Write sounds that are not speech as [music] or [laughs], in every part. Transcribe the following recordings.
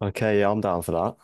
Okay, yeah, I'm down for that.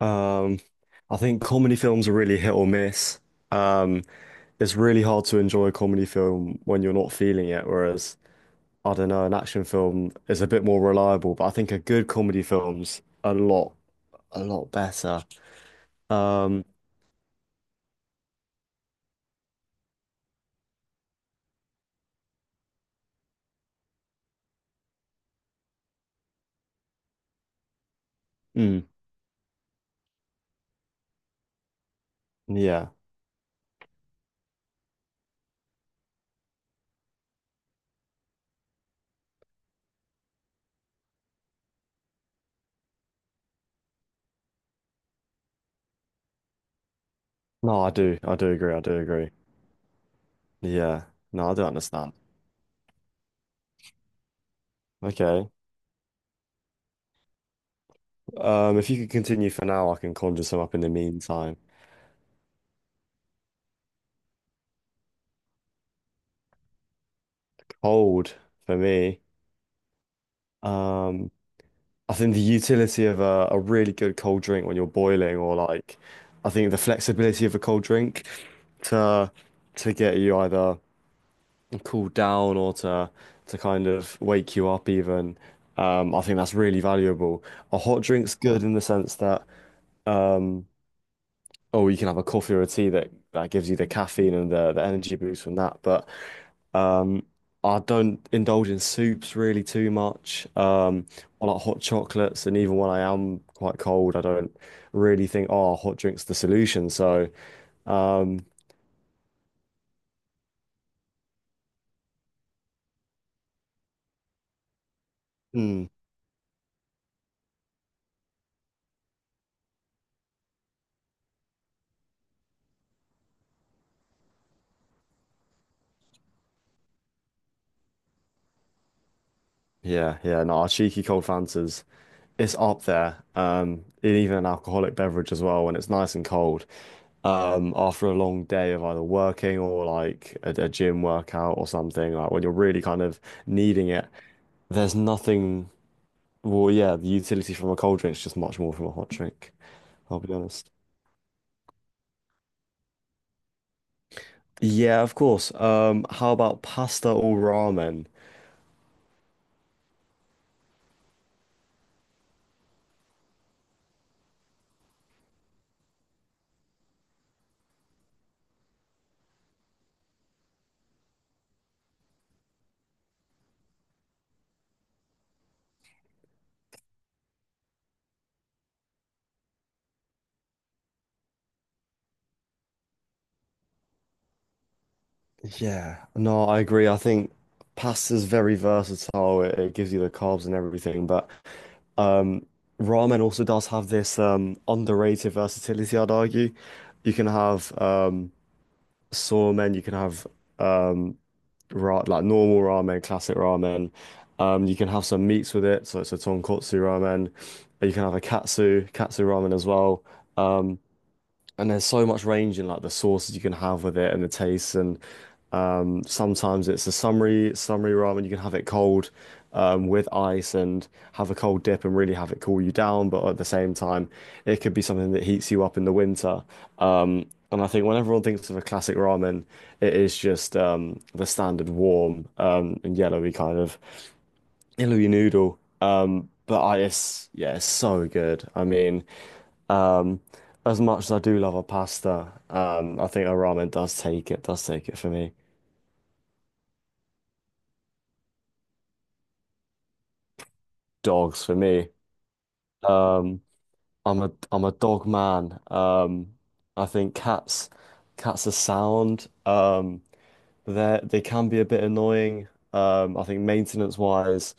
Um, I think comedy films are really hit or miss. Um, it's really hard to enjoy a comedy film when you're not feeling it, whereas I don't know, an action film is a bit more reliable, but I think a good comedy film's a lot better. Um, mm, yeah. No, I do. I do agree. Yeah. No, I do understand. Okay. If you could continue for now, I can conjure some up in the meantime. Cold for me. Um, I think the utility of a really good cold drink when you're boiling, or like, I think the flexibility of a cold drink to to get you either cool down or to kind of wake you up even. I think that's really valuable. A hot drink's good in the sense that um, or you can have a coffee or a tea that gives you the caffeine and the energy boost from that. But um, I don't indulge in soups really too much. I like hot chocolates, and even when I am quite cold, I don't really think, oh, hot drink's the solution. So, um, mm, yeah, yeah, no, cheeky cold Fantas. It's up there. And even an alcoholic beverage as well when it's nice and cold. After a long day of either working or like a gym workout or something, like when you're really kind of needing it, there's nothing. Well, yeah, the utility from a cold drink is just much more from a hot drink. I'll be honest. Yeah, of course. How about pasta or ramen? Yeah, no, I agree. I think pasta's very versatile. It gives you the carbs and everything, but um, ramen also does have this underrated versatility, I'd argue. You can have somen, you can have um, ra like normal ramen, classic ramen. You can have some meats with it, so it's a tonkotsu ramen. You can have a katsu ramen as well. Um, and there's so much range in like the sauces you can have with it and the tastes. And sometimes it's a summary ramen, you can have it cold with ice and have a cold dip and really have it cool you down, but at the same time it could be something that heats you up in the winter. um and I think when everyone thinks of a classic ramen, it is just the standard warm and yellowy kind of yellowy noodle. But I, it's, yeah, it's so good. I mean, um, as much as I do love a pasta, I think a ramen does take it for me. Dogs for me. Um, I'm a dog man. I think cats are sound. They can be a bit annoying. I think maintenance wise,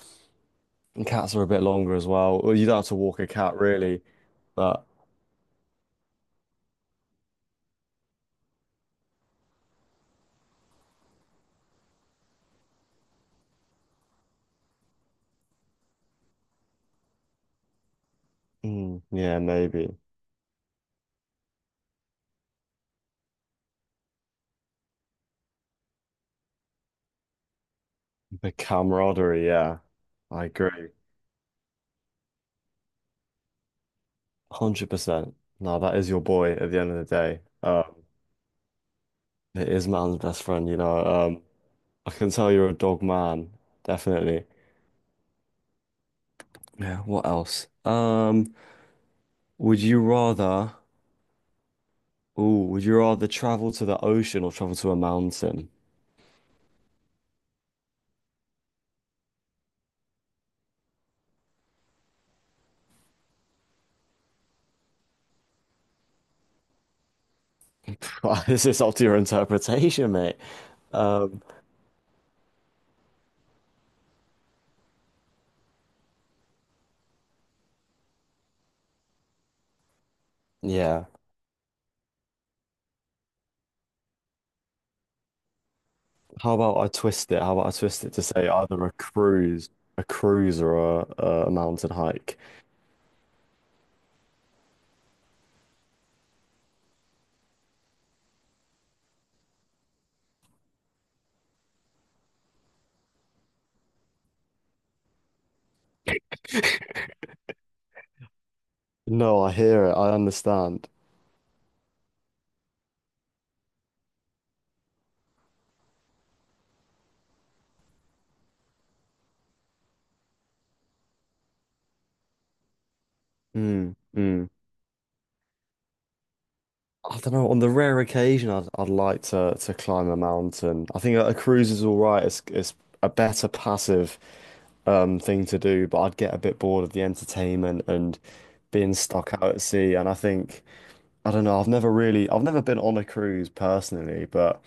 and cats are a bit longer as well. Well, you don't have to walk a cat really, but mm, yeah, maybe the camaraderie. Yeah, I agree. 100%. No, that is your boy at the end of the day. It is man's best friend, you know. I can tell you're a dog man, definitely. Yeah, what else? Would you rather, would you rather travel to the ocean or travel to a mountain? [laughs] This is up to your interpretation, mate. Um, yeah. How about I twist it? How about I twist it to say either a cruise or a mountain hike? No, I hear it. I understand. Mm, mm. I don't know. On the rare occasion, I'd like to climb a mountain. I think a cruise is all right. It's a better passive thing to do, but I'd get a bit bored of the entertainment and being stuck out at sea. And I think I don't know. I've never been on a cruise personally, but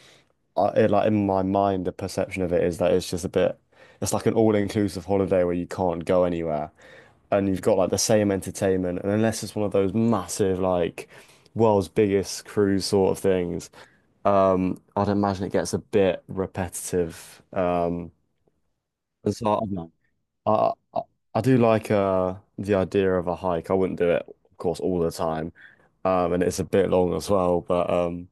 I, it, like in my mind, the perception of it is that it's just a bit. It's like an all-inclusive holiday where you can't go anywhere and you've got like the same entertainment, and unless it's one of those massive like world's biggest cruise sort of things, I'd imagine it gets a bit repetitive. And so I, don't know. I I I do like the idea of a hike. I wouldn't do it, of course, all the time, and it's a bit long as well. But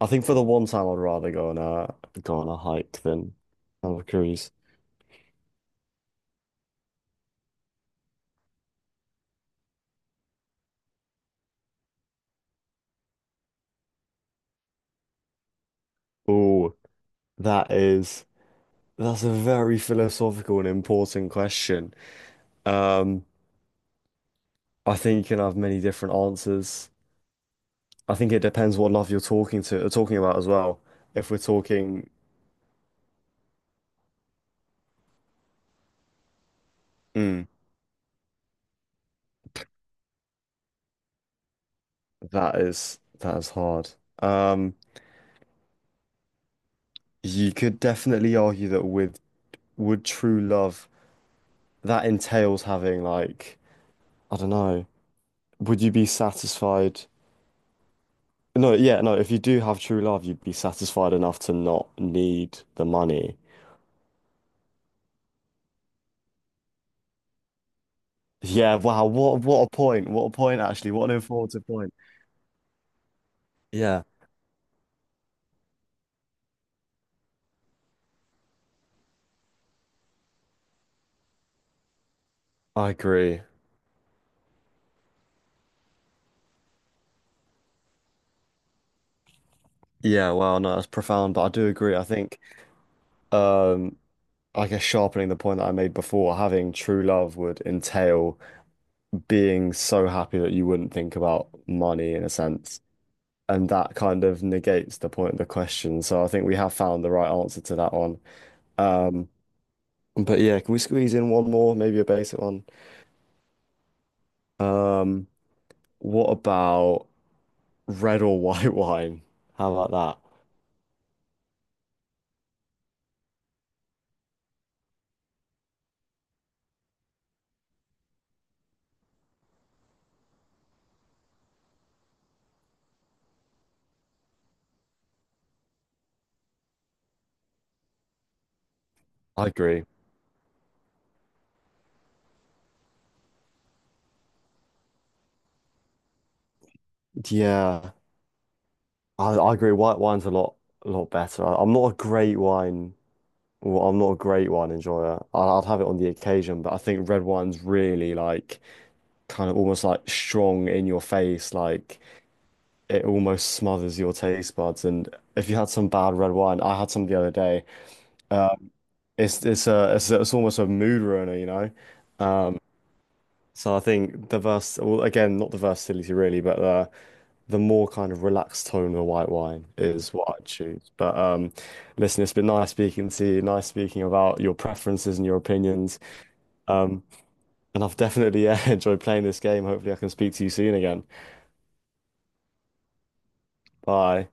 I think for the one time, I'd rather go on a hike than on a cruise. Oh, that is. That's a very philosophical and important question. Um, I think you can have many different answers. I think it depends what love you're talking about as well. If we're talking, Mm, that is hard. Um, you could definitely argue that with would true love that entails having like I don't know. Would you be satisfied? No, yeah, no. If you do have true love, you'd be satisfied enough to not need the money. Yeah, wow, what a point. What a point actually. What an informative point. Yeah, I agree. Yeah, wow, no, that's profound, but I do agree. I think um I guess sharpening the point that I made before, having true love would entail being so happy that you wouldn't think about money in a sense. And that kind of negates the point of the question. So I think we have found the right answer to that one. Um, but yeah, can we squeeze in one more, maybe a basic one? Um, what about red or [laughs] white wine. How about that? I agree. Yeah, I agree. White wine's a lot better. I, I'm not a great wine. Well, I'm not a great wine enjoyer. I'd have it on the occasion, but I think red wine's really like kind of almost like strong in your face. Like it almost smothers your taste buds. And if you had some bad red wine, I had some the other day. It's almost a mood ruiner, you know. So I think the vers well, again, not the versatility really, but the more kind of relaxed tone of a white wine is what I'd choose. But listen, it's been nice speaking to you, nice speaking about your preferences and your opinions. Um, and I've definitely [laughs] enjoyed playing this game. Hopefully, I can speak to you soon again. Bye.